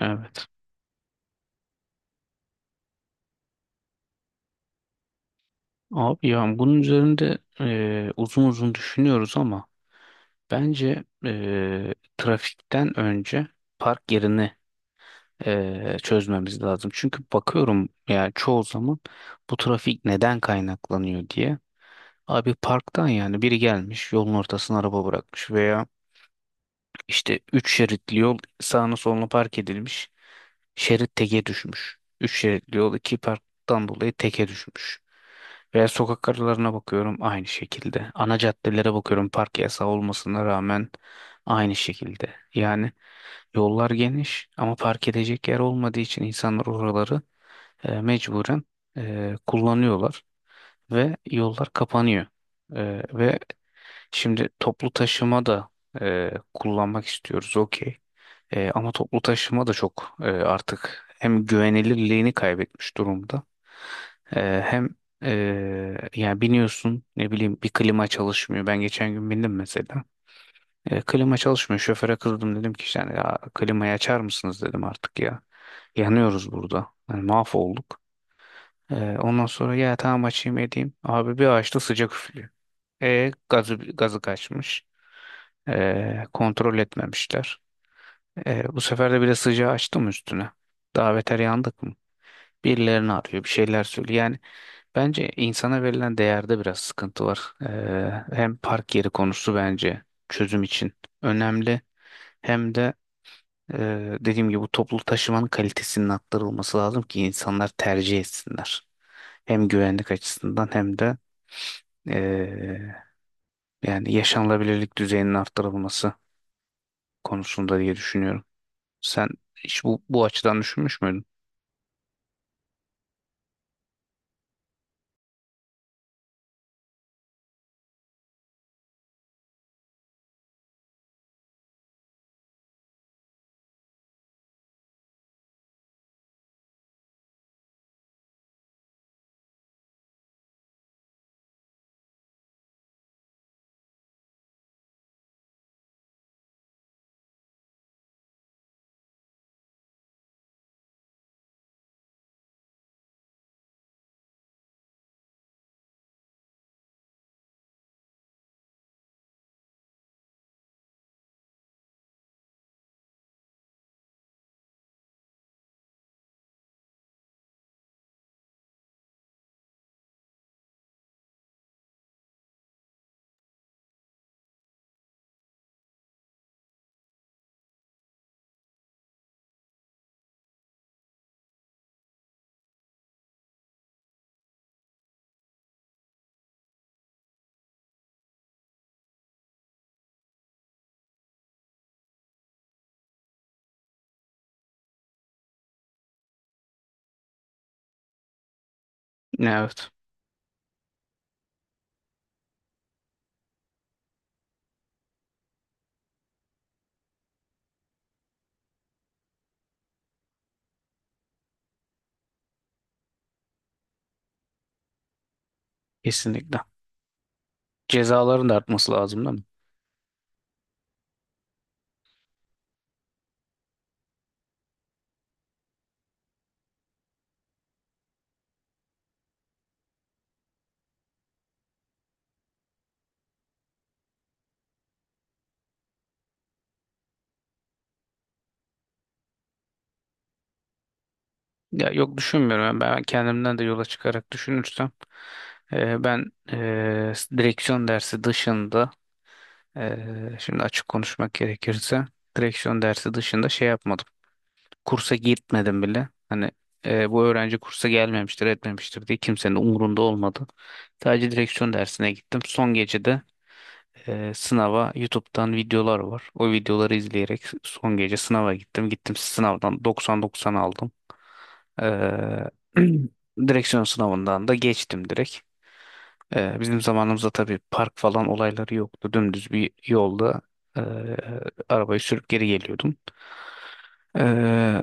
Evet. Abi ya bunun üzerinde uzun uzun düşünüyoruz ama bence trafikten önce park yerini çözmemiz lazım. Çünkü bakıyorum yani çoğu zaman bu trafik neden kaynaklanıyor diye. Abi parktan yani biri gelmiş yolun ortasına araba bırakmış veya işte üç şeritli yol sağına soluna park edilmiş. Şerit teke düşmüş. Üç şeritli yol iki parktan dolayı teke düşmüş. Veya sokak aralarına bakıyorum aynı şekilde. Ana caddelere bakıyorum park yasağı olmasına rağmen aynı şekilde. Yani yollar geniş ama park edecek yer olmadığı için insanlar oraları mecburen kullanıyorlar ve yollar kapanıyor. Ve şimdi toplu taşıma da kullanmak istiyoruz okey. Ama toplu taşıma da çok artık hem güvenilirliğini kaybetmiş durumda. E, hem e, Yani biniyorsun ne bileyim bir klima çalışmıyor. Ben geçen gün bindim mesela. Klima çalışmıyor. Şoföre kızdım dedim ki işte hani, ya, klimayı açar mısınız dedim artık ya. Yanıyoruz burada. Yani mahvolduk. Ondan sonra ya tamam açayım edeyim. Abi bir açtı sıcak üflüyor. Gazı kaçmış. Kontrol etmemişler. Bu sefer de biraz sıcağı açtım üstüne. Daha beter yandık mı? Birilerini arıyor, bir şeyler söylüyor. Yani bence insana verilen değerde biraz sıkıntı var. Hem park yeri konusu bence çözüm için önemli. Hem de e, dediğim gibi bu toplu taşımanın kalitesinin arttırılması lazım ki insanlar tercih etsinler. Hem güvenlik açısından hem de e, yani yaşanılabilirlik düzeyinin arttırılması konusunda diye düşünüyorum. Sen hiç bu açıdan düşünmüş müydün? Evet, kesinlikle. Cezaların da artması lazım değil mi? Ya yok düşünmüyorum. Yani ben kendimden de yola çıkarak düşünürsem ben direksiyon dersi dışında şimdi açık konuşmak gerekirse direksiyon dersi dışında şey yapmadım. Kursa gitmedim bile. Hani bu öğrenci kursa gelmemiştir, etmemiştir diye kimsenin umurunda olmadı. Sadece direksiyon dersine gittim. Son gecede sınava YouTube'dan videolar var. O videoları izleyerek son gece sınava gittim. Gittim sınavdan 90-90 aldım. Ee, direksiyon sınavından da geçtim direkt. Bizim zamanımızda tabii park falan olayları yoktu. Dümdüz bir yolda e, arabayı sürüp geri geliyordum. Ee,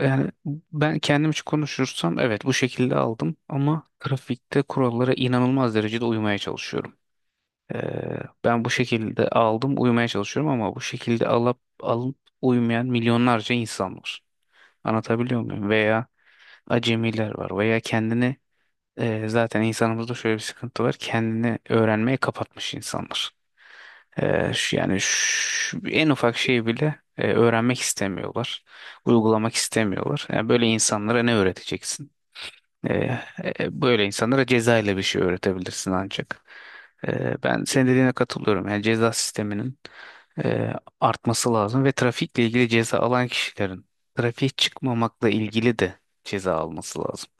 yani ben kendim için konuşursam evet bu şekilde aldım ama trafikte kurallara inanılmaz derecede uymaya çalışıyorum. Ben bu şekilde aldım uyumaya çalışıyorum ama bu şekilde alıp uyumayan milyonlarca insan var. Anlatabiliyor muyum? Veya acemiler var veya kendini zaten insanımızda şöyle bir sıkıntı var. Kendini öğrenmeye kapatmış insanlar. En ufak şeyi bile öğrenmek istemiyorlar. Uygulamak istemiyorlar. Yani böyle insanlara ne öğreteceksin? E, Böyle insanlara ceza ile bir şey öğretebilirsin ancak. Ben senin dediğine katılıyorum. Yani ceza sisteminin e, artması lazım ve trafikle ilgili ceza alan kişilerin trafiğe çıkmamakla ilgili de ceza alması lazım.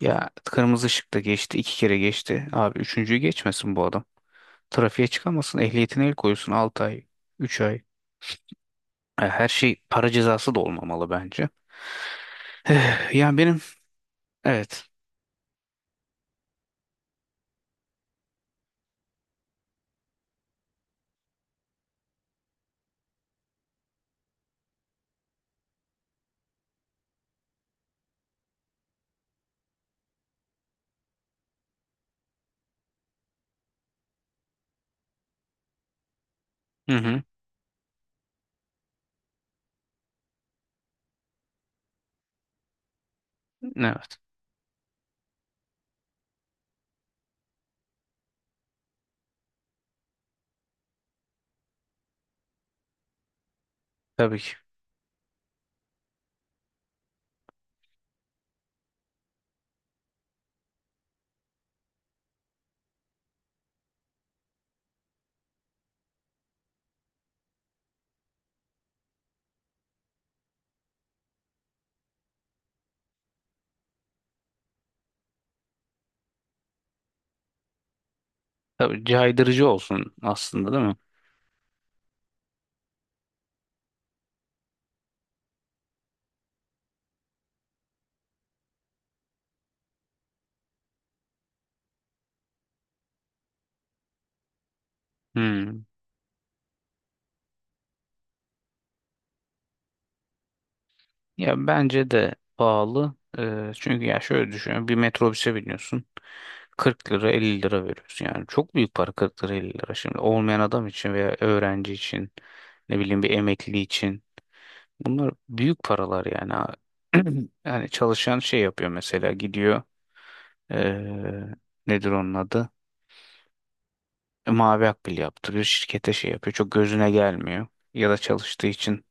Ya kırmızı ışıkta geçti, iki kere geçti. Abi üçüncüyü geçmesin bu adam. Trafiğe çıkamasın, ehliyetine el koysun 6 ay, 3 ay. Her şey para cezası da olmamalı bence. Yani benim evet. Hı hı. Evet. Tabii ki. Tabii caydırıcı olsun aslında değil mi? Hmm. Ya bence de pahalı. Çünkü ya şöyle düşünüyorum. Bir metrobüse biniyorsun. 40 lira 50 lira veriyorsun. Yani çok büyük para 40 lira 50 lira. Şimdi olmayan adam için veya öğrenci için ne bileyim bir emekli için. Bunlar büyük paralar yani. Yani çalışan şey yapıyor mesela gidiyor. Ee, Nedir onun adı? Mavi akbil yaptırıyor. Şirkete şey yapıyor. Çok gözüne gelmiyor. Ya da çalıştığı için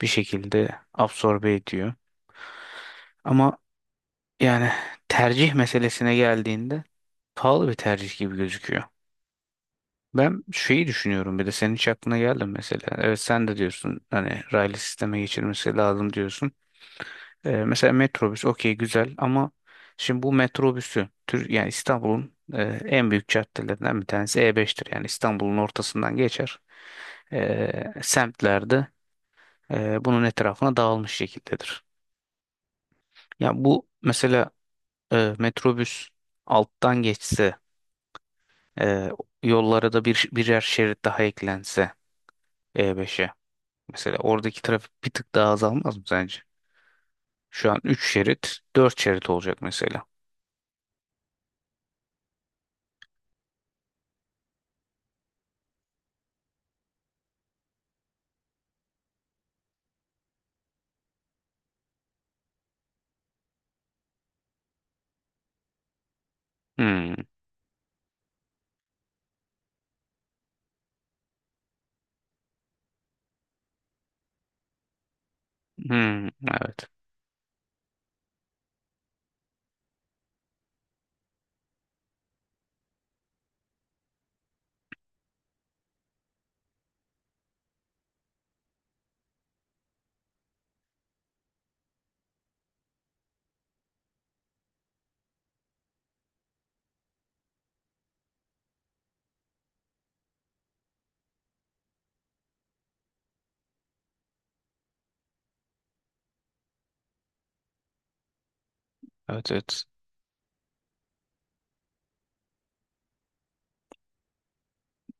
bir şekilde absorbe ediyor. Ama yani tercih meselesine geldiğinde pahalı bir tercih gibi gözüküyor. Ben şeyi düşünüyorum bir de senin hiç aklına geldi mi mesela? Evet sen de diyorsun hani raylı sisteme geçirmesi lazım diyorsun. Mesela metrobüs okey güzel ama şimdi bu metrobüsü tür yani İstanbul'un en büyük caddelerinden bir tanesi E5'tir. Yani İstanbul'un ortasından geçer. Semtlerde bunun etrafına dağılmış şekildedir. Ya bu mesela metrobüs alttan geçse e, yollara da bir birer şerit daha eklense E5'e mesela oradaki trafik bir tık daha azalmaz mı sence? Şu an 3 şerit, 4 şerit olacak mesela. Hmm. Hmm. Evet. Evet evet.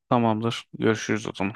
Tamamdır. Görüşürüz o zaman.